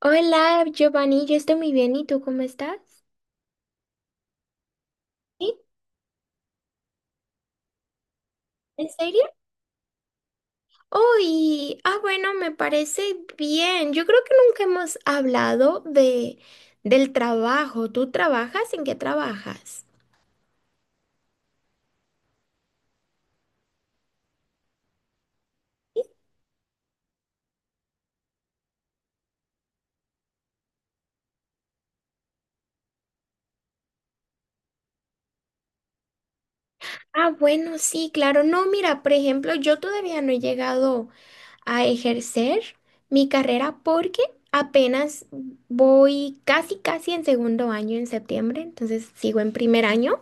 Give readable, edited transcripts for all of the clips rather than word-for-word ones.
Hola, Giovanni, yo estoy muy bien. ¿Y tú cómo estás? ¿Sí? ¿En serio? Uy, ah, bueno, me parece bien. Yo creo que nunca hemos hablado de del trabajo. ¿Tú trabajas? ¿En qué trabajas? Ah, bueno, sí, claro. No, mira, por ejemplo, yo todavía no he llegado a ejercer mi carrera porque apenas voy casi, casi en segundo año en septiembre, entonces sigo en primer año.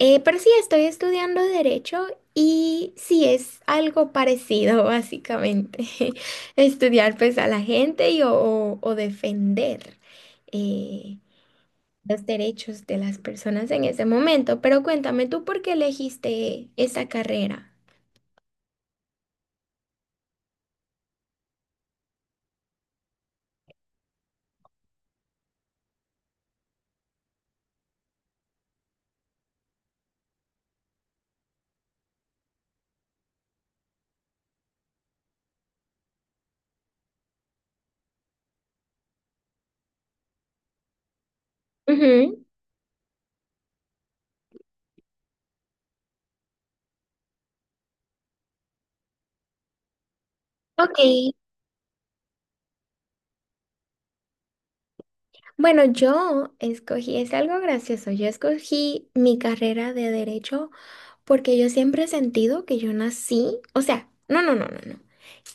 Pero sí, estoy estudiando derecho y sí es algo parecido, básicamente. Estudiar pues a la gente y o defender eh, los derechos de las personas en ese momento. Pero cuéntame tú por qué elegiste esa carrera. Ujú. Ok. Bueno, yo escogí, es algo gracioso, yo escogí mi carrera de derecho porque yo siempre he sentido que yo nací, o sea, no, no, no, no, no,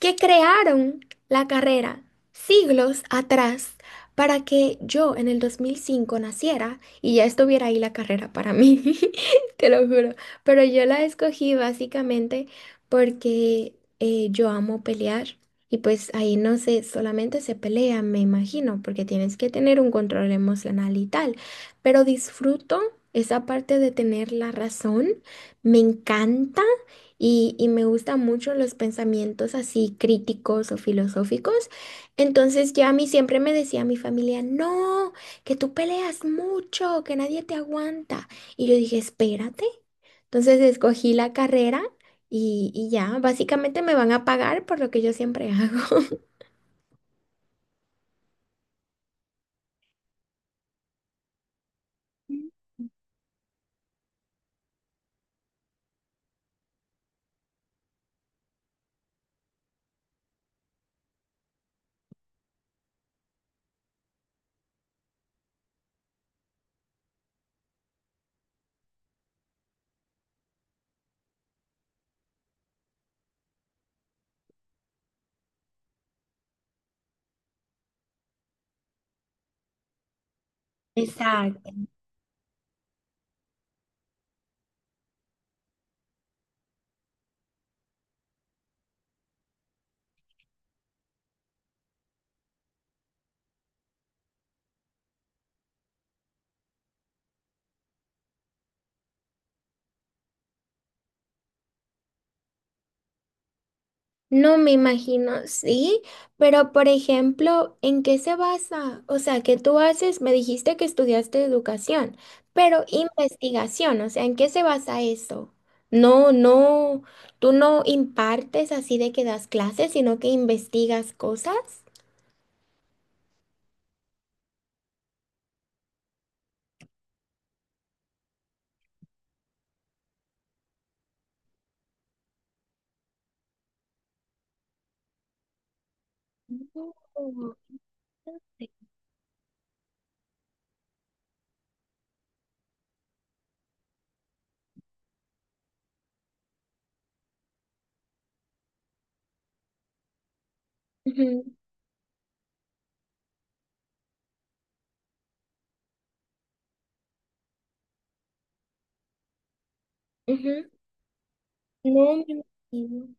que crearon la carrera siglos atrás para que yo en el 2005 naciera y ya estuviera ahí la carrera para mí, te lo juro, pero yo la escogí básicamente porque yo amo pelear. Y pues ahí no sé, solamente se pelea, me imagino, porque tienes que tener un control emocional y tal. Pero disfruto esa parte de tener la razón me encanta y me gustan mucho los pensamientos así críticos o filosóficos. Entonces ya a mí siempre me decía mi familia, no, que tú peleas mucho, que nadie te aguanta. Y yo dije, espérate. Entonces escogí la carrera y ya, básicamente me van a pagar por lo que yo siempre hago. Exacto. No me imagino, sí, pero por ejemplo, ¿en qué se basa? O sea, ¿qué tú haces? Me dijiste que estudiaste educación, pero investigación, o sea, ¿en qué se basa eso? No, no, tú no impartes así de que das clases, sino que investigas cosas. No. Ujú, ujú. No me imagino.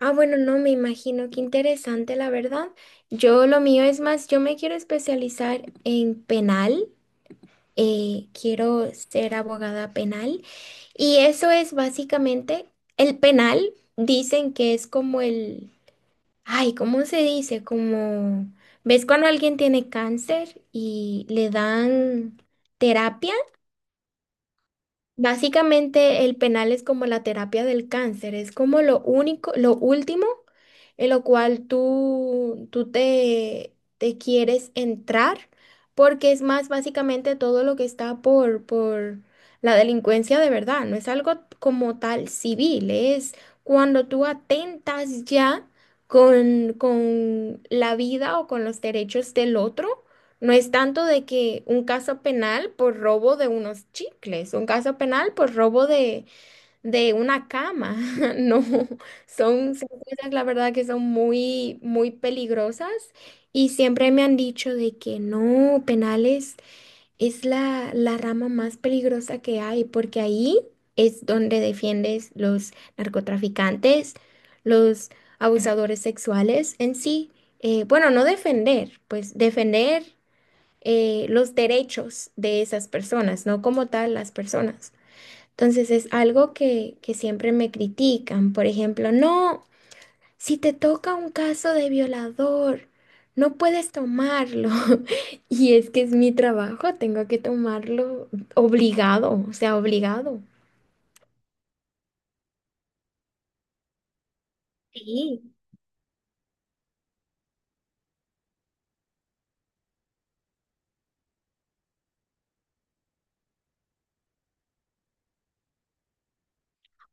Ah, bueno, no me imagino, qué interesante, la verdad. Yo lo mío es más, yo me quiero especializar en penal. Quiero ser abogada penal. Y eso es básicamente, el penal dicen que es como el, ay, ¿cómo se dice? Como, ¿ves cuando alguien tiene cáncer y le dan terapia? Básicamente el penal es como la terapia del cáncer, es como lo único, lo último en lo cual tú te quieres entrar, porque es más básicamente todo lo que está por la delincuencia de verdad, no es algo como tal civil, es cuando tú atentas ya con la vida o con los derechos del otro. No es tanto de que un caso penal por robo de unos chicles, un caso penal por robo de una cama. No, son cosas, la verdad, que son muy, muy peligrosas y siempre me han dicho de que no, penales es la rama más peligrosa que hay porque ahí es donde defiendes los narcotraficantes, los abusadores sexuales en sí. Bueno, no defender, pues defender los derechos de esas personas, no como tal las personas. Entonces es algo que siempre me critican. Por ejemplo, no, si te toca un caso de violador, no puedes tomarlo. Y es que es mi trabajo, tengo que tomarlo obligado, o sea, obligado. Sí.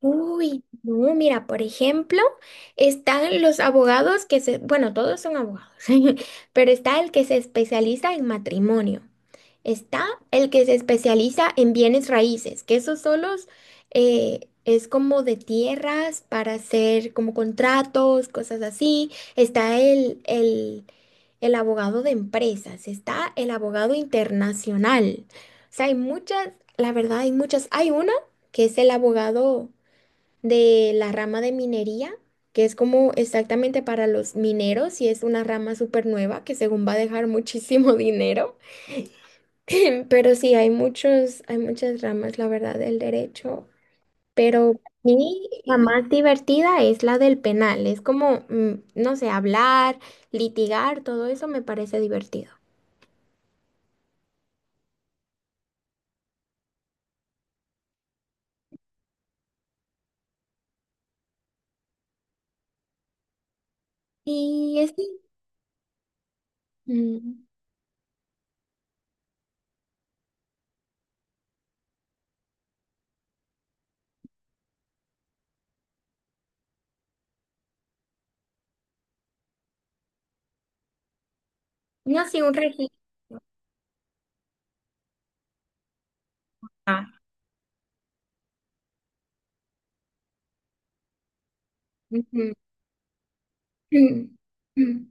Uy, no, mira, por ejemplo, están los abogados que se, bueno, todos son abogados, pero está el que se especializa en matrimonio. Está el que se especializa en bienes raíces, que esos solos es como de tierras para hacer como contratos, cosas así. Está el abogado de empresas, está el abogado internacional. O sea, hay muchas, la verdad hay muchas. Hay una que es el abogado de la rama de minería, que es como exactamente para los mineros y es una rama súper nueva que según va a dejar muchísimo dinero. Pero sí, hay muchos, hay muchas ramas, la verdad, del derecho. Pero para mí la más divertida es la del penal. Es como, no sé, hablar, litigar, todo eso me parece divertido. Y es, mm, no sé, un registro. Ah, ujú.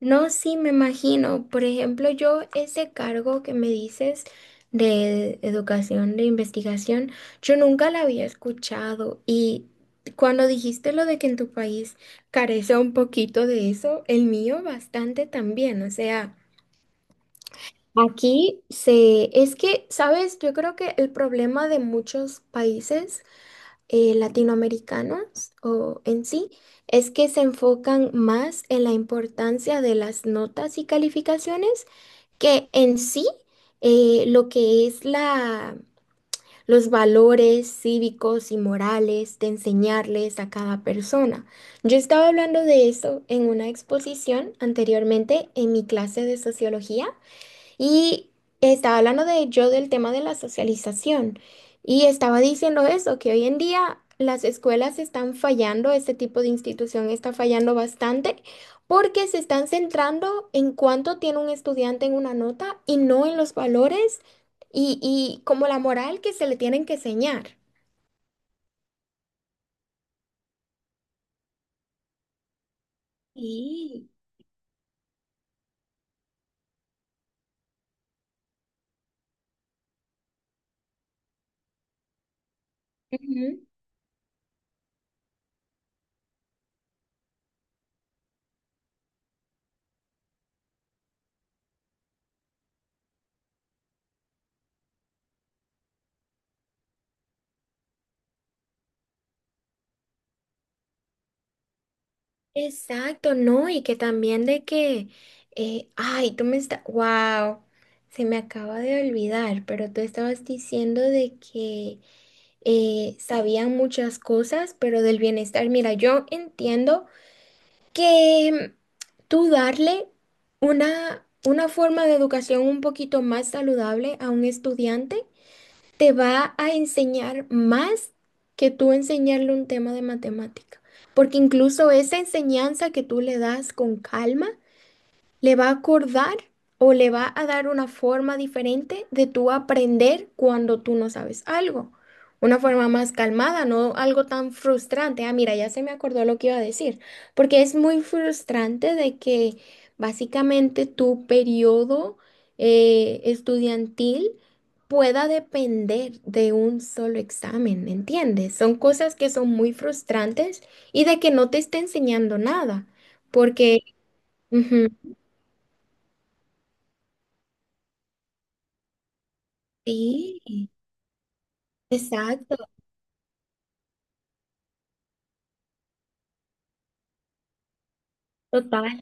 No, sí, me imagino. Por ejemplo, yo ese cargo que me dices de educación, de investigación, yo nunca la había escuchado. Y cuando dijiste lo de que en tu país carece un poquito de eso, el mío bastante también. O sea, aquí se, es que, ¿sabes? Yo creo que el problema de muchos países latinoamericanos o en sí es que se enfocan más en la importancia de las notas y calificaciones que en sí lo que es los valores cívicos y morales de enseñarles a cada persona. Yo estaba hablando de eso en una exposición anteriormente en mi clase de sociología. Y estaba hablando de yo del tema de la socialización y estaba diciendo eso, que hoy en día las escuelas están fallando, este tipo de institución está fallando bastante porque se están centrando en cuánto tiene un estudiante en una nota y no en los valores y como la moral que se le tienen que enseñar. Exacto, no, y que también de que, ay, tú me estás, wow, se me acaba de olvidar, pero tú estabas diciendo de que sabían muchas cosas, pero del bienestar, mira, yo entiendo que tú darle una forma de educación un poquito más saludable a un estudiante te va a enseñar más que tú enseñarle un tema de matemática, porque incluso esa enseñanza que tú le das con calma le va a acordar o le va a dar una forma diferente de tú aprender cuando tú no sabes algo. Una forma más calmada, no algo tan frustrante. Ah, mira, ya se me acordó lo que iba a decir, porque es muy frustrante de que básicamente tu periodo estudiantil pueda depender de un solo examen, ¿entiendes? Son cosas que son muy frustrantes y de que no te esté enseñando nada, porque... Ujú. Sí, exacto, total.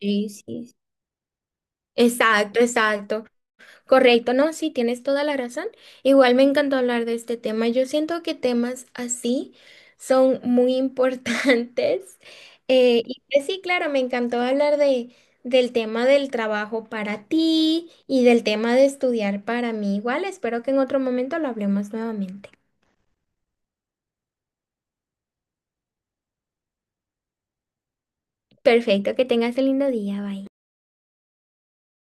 Sí, sí. Exacto, exacto. Correcto, no, sí, tienes toda la razón. Igual me encantó hablar de este tema. Yo siento que temas así son muy importantes. Y pues sí, claro, me encantó hablar del tema del trabajo para ti y del tema de estudiar para mí. Igual espero que en otro momento lo hablemos nuevamente. Perfecto, que tengas el lindo día. Bye.